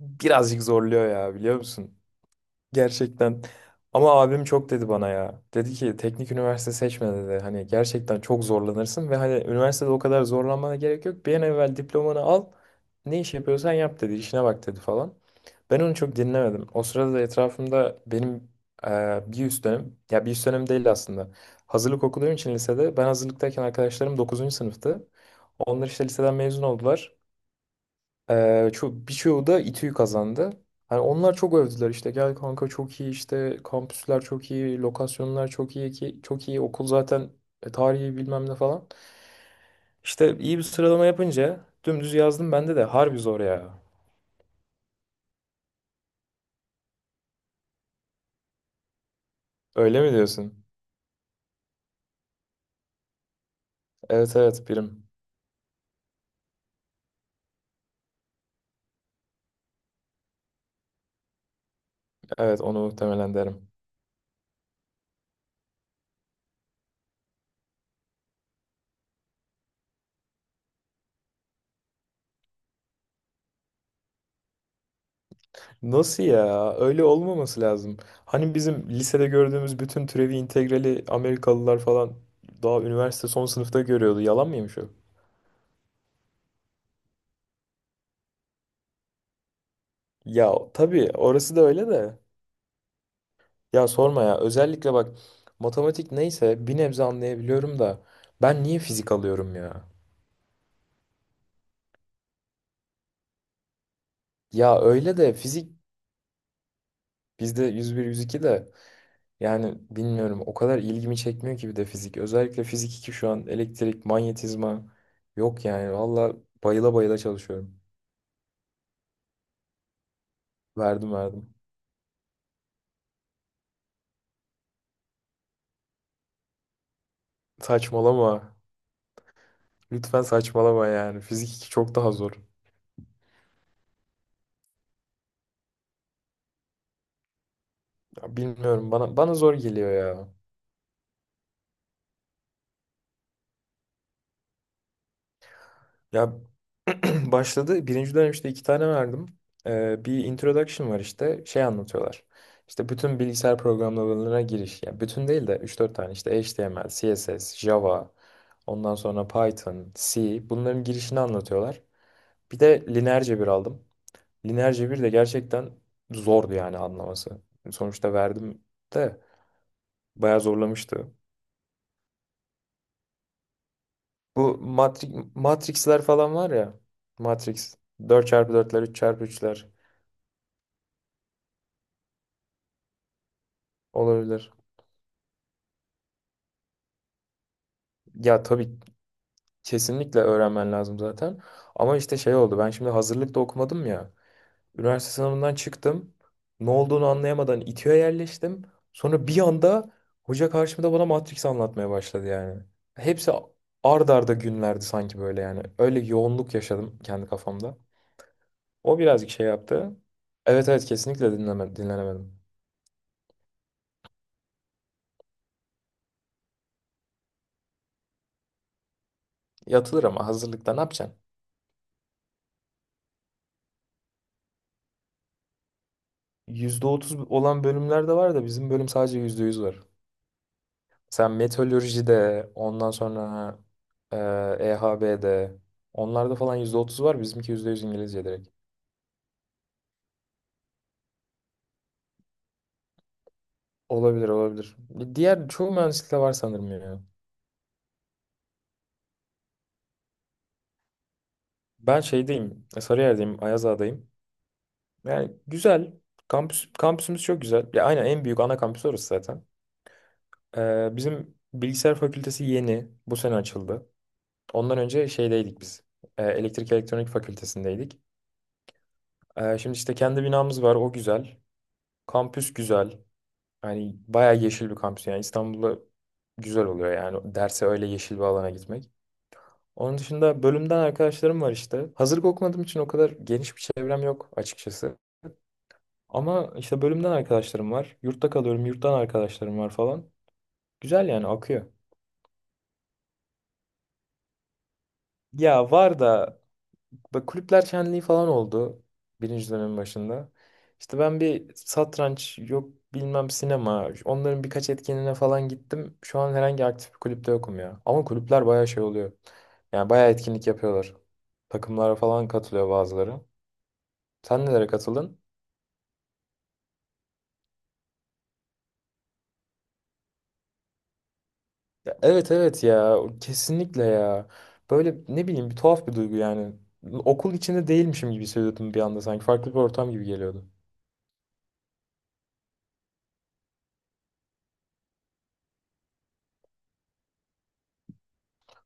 Birazcık zorluyor ya biliyor musun? Gerçekten. Ama abim çok dedi bana ya. Dedi ki teknik üniversite seçme dedi. Hani gerçekten çok zorlanırsın ve hani üniversitede o kadar zorlanmana gerek yok. Bir an evvel diplomanı al. Ne iş yapıyorsan yap dedi. İşine bak dedi falan. Ben onu çok dinlemedim. O sırada da etrafımda benim bir üst dönem, ya bir üst dönem değil aslında. Hazırlık okuduğum için lisede ben hazırlıktayken arkadaşlarım dokuzuncu sınıftı. Onlar işte liseden mezun oldular. Çok birçoğu da İTÜ'yü kazandı. Hani onlar çok övdüler işte gel kanka çok iyi işte kampüsler çok iyi, lokasyonlar çok iyi ki çok iyi okul zaten tarihi bilmem ne falan. İşte iyi bir sıralama yapınca dümdüz yazdım bende de harbi zor ya. Öyle mi diyorsun? Evet evet birim. Evet onu muhtemelen derim. Nasıl ya? Öyle olmaması lazım. Hani bizim lisede gördüğümüz bütün türevi integrali Amerikalılar falan daha üniversite son sınıfta görüyordu. Yalan mıymış o? Ya tabii orası da öyle de. Ya sorma ya. Özellikle bak matematik neyse bir nebze anlayabiliyorum da ben niye fizik alıyorum ya? Ya öyle de fizik bizde 101-102 de yani bilmiyorum o kadar ilgimi çekmiyor ki bir de fizik. Özellikle fizik 2 şu an elektrik, manyetizma yok yani valla bayıla bayıla çalışıyorum. Verdim verdim. Saçmalama. Lütfen saçmalama yani. Fizik 2 çok daha zor. Ya bilmiyorum bana zor geliyor ya. Ya başladı. Birinci dönem işte iki tane verdim. Bir introduction var işte. Şey anlatıyorlar. İşte bütün bilgisayar programlamalarına giriş. Yani bütün değil de üç dört tane işte HTML, CSS, Java, ondan sonra Python, C. Bunların girişini anlatıyorlar. Bir de lineer cebir aldım. Lineer cebir de gerçekten zordu yani anlaması. Sonuçta verdim de bayağı zorlamıştı. Bu matri Matrix'ler falan var ya. Matrix dört çarpı dörtler, üç çarpı üçler olabilir. Ya tabii kesinlikle öğrenmen lazım zaten. Ama işte şey oldu. Ben şimdi hazırlıkta okumadım ya. Üniversite sınavından çıktım. Ne olduğunu anlayamadan İTÜ'ye yerleştim. Sonra bir anda hoca karşımda bana Matrix anlatmaya başladı yani. Hepsi ard arda günlerdi sanki böyle yani. Öyle yoğunluk yaşadım kendi kafamda. O birazcık şey yaptı. Evet evet kesinlikle dinlenemedim. Yatılır ama hazırlıkta ne yapacaksın? %30 olan bölümler de var da bizim bölüm sadece %100 var. Sen meteorolojide, ondan sonra e, EHB'de, onlarda falan %30 var. Bizimki %100 İngilizce direkt. Olabilir, olabilir. Diğer çoğu mühendislikte var sanırım ya. Ben şeydeyim, Sarıyer'deyim, Ayazağa'dayım. Yani güzel. Kampüsümüz çok güzel. Ya aynen en büyük ana kampüs orası zaten. Bizim bilgisayar fakültesi yeni. Bu sene açıldı. Ondan önce şeydeydik biz. Elektrik elektronik fakültesindeydik. Şimdi işte kendi binamız var, o güzel. Kampüs güzel. Hani bayağı yeşil bir kampüs yani İstanbul'da güzel oluyor yani derse öyle yeşil bir alana gitmek. Onun dışında bölümden arkadaşlarım var işte. Hazırlık okumadığım için o kadar geniş bir çevrem yok açıkçası. Ama işte bölümden arkadaşlarım var. Yurtta kalıyorum, yurttan arkadaşlarım var falan. Güzel yani akıyor. Ya var da böyle kulüpler şenliği falan oldu birinci dönemin başında. İşte ben bir satranç yok bilmem sinema onların birkaç etkinliğine falan gittim. Şu an herhangi aktif bir kulüpte yokum ya. Ama kulüpler bayağı şey oluyor. Yani bayağı etkinlik yapıyorlar. Takımlara falan katılıyor bazıları. Sen nelere katıldın? Ya evet evet ya kesinlikle ya. Böyle ne bileyim bir tuhaf bir duygu yani. Okul içinde değilmişim gibi hissediyordum bir anda sanki. Farklı bir ortam gibi geliyordu.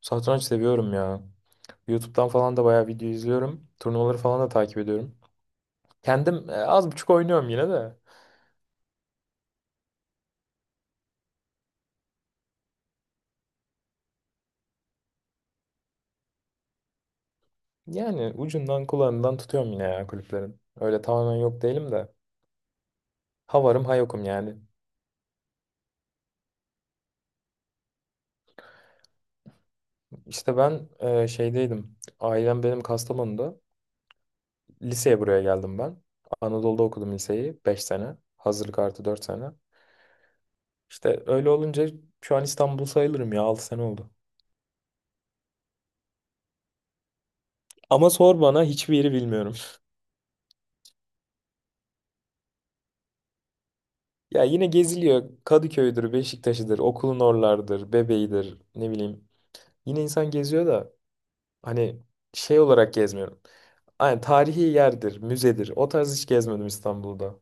Satranç seviyorum ya. YouTube'dan falan da bayağı video izliyorum. Turnuvaları falan da takip ediyorum. Kendim az buçuk oynuyorum yine de. Yani ucundan kulağından tutuyorum yine ya kulüplerin. Öyle tamamen yok değilim de. Ha varım ha yokum yani. İşte ben şeydeydim. Ailem benim Kastamonu'da. Liseye buraya geldim ben. Anadolu'da okudum liseyi 5 sene. Hazırlık artı 4 sene. İşte öyle olunca şu an İstanbul sayılırım ya 6 sene oldu. Ama sor bana hiçbir yeri bilmiyorum. Ya yine geziliyor. Kadıköy'dür, Beşiktaş'ıdır, okulun oralardır, Bebeği'dir, ne bileyim. Yine insan geziyor da hani şey olarak gezmiyorum. Aynen tarihi yerdir, müzedir. O tarz hiç gezmedim İstanbul'da.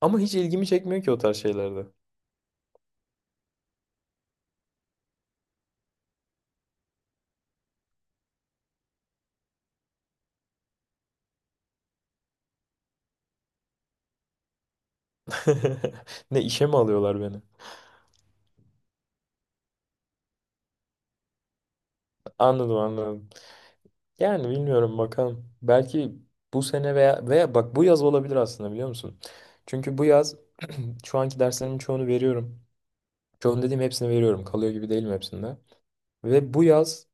Ama hiç ilgimi çekmiyor ki o tarz şeylerde. Ne işe mi alıyorlar beni? Anladım anladım. Yani bilmiyorum bakalım. Belki bu sene veya bak bu yaz olabilir aslında biliyor musun? Çünkü bu yaz şu anki derslerimin çoğunu veriyorum. Çoğunu dediğim hepsini veriyorum. Kalıyor gibi değilim hepsinde. Ve bu yaz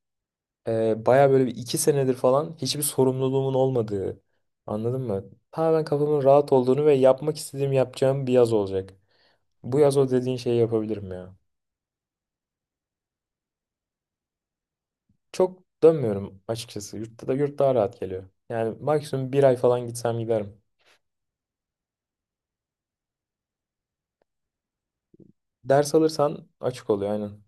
baya böyle bir iki senedir falan hiçbir sorumluluğumun olmadığı. Anladın mı? Tamamen kafamın rahat olduğunu ve yapmak istediğim yapacağım bir yaz olacak. Bu yaz o dediğin şeyi yapabilirim ya. Çok dönmüyorum açıkçası. Yurtta da yurt daha rahat geliyor. Yani maksimum bir ay falan gitsem giderim. Ders alırsan açık oluyor aynen.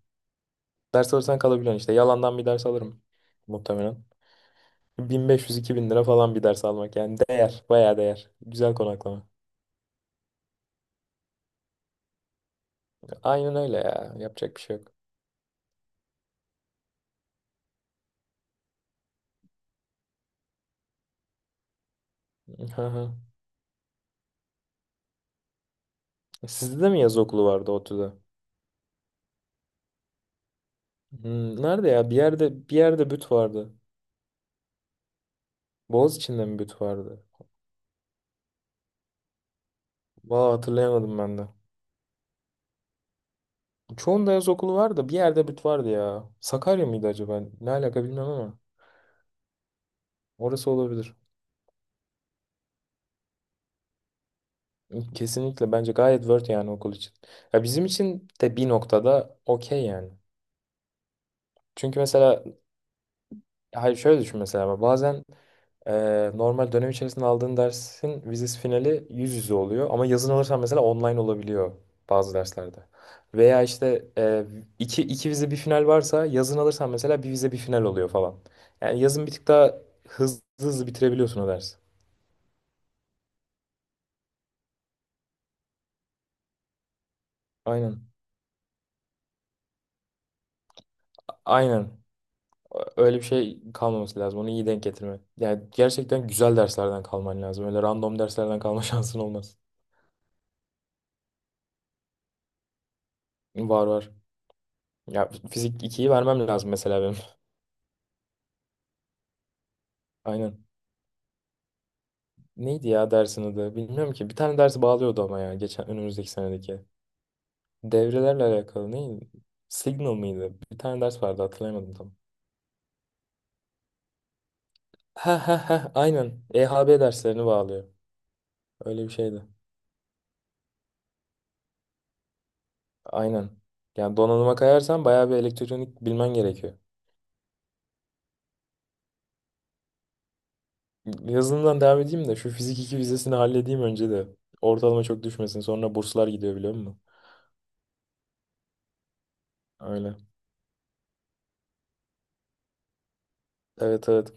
Ders alırsan kalabiliyorsun işte. Yalandan bir ders alırım muhtemelen. 1500-2000 lira falan bir ders almak yani değer. Bayağı değer. Güzel konaklama. Aynen öyle ya. Yapacak bir şey yok. Hı hı. Sizde de mi yaz okulu vardı ODTÜ'de? Hmm, nerede ya? Bir yerde büt vardı. Boğaziçi'nde mi büt vardı? Valla hatırlayamadım ben de. Çoğunda yaz okulu vardı. Bir yerde büt vardı ya. Sakarya mıydı acaba? Ne alaka bilmem ama. Orası olabilir. Kesinlikle bence gayet worth yani okul için. Ya bizim için de bir noktada okey yani. Çünkü mesela hayır şöyle düşün mesela bazen normal dönem içerisinde aldığın dersin vizesi finali yüz yüze oluyor ama yazın alırsan mesela online olabiliyor bazı derslerde. Veya işte iki vize bir final varsa yazın alırsan mesela bir vize bir final oluyor falan. Yani yazın bir tık daha hızlı hızlı bitirebiliyorsun o dersi. Aynen. Aynen. Öyle bir şey kalmaması lazım. Onu iyi denk getirme. Yani gerçekten güzel derslerden kalman lazım. Öyle random derslerden kalma şansın olmaz. Var var. Ya fizik ikiyi vermem lazım mesela benim. Aynen. Neydi ya dersin adı? Bilmiyorum ki. Bir tane dersi bağlıyordu ama ya. Geçen önümüzdeki senedeki. Devrelerle alakalı neydi? Signal mıydı? Bir tane ders vardı hatırlayamadım tam. Ha ha ha aynen. EHB derslerini bağlıyor. Öyle bir şeydi. Aynen. Yani donanıma kayarsan bayağı bir elektronik bilmen gerekiyor. Yazılımdan devam edeyim de şu fizik 2 vizesini halledeyim önce de. Ortalama çok düşmesin. Sonra burslar gidiyor biliyor musun? Öyle. Evet evet.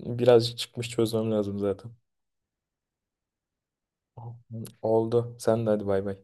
Birazcık çıkmış çözmem lazım zaten. Oldu. Sen de hadi bay bay.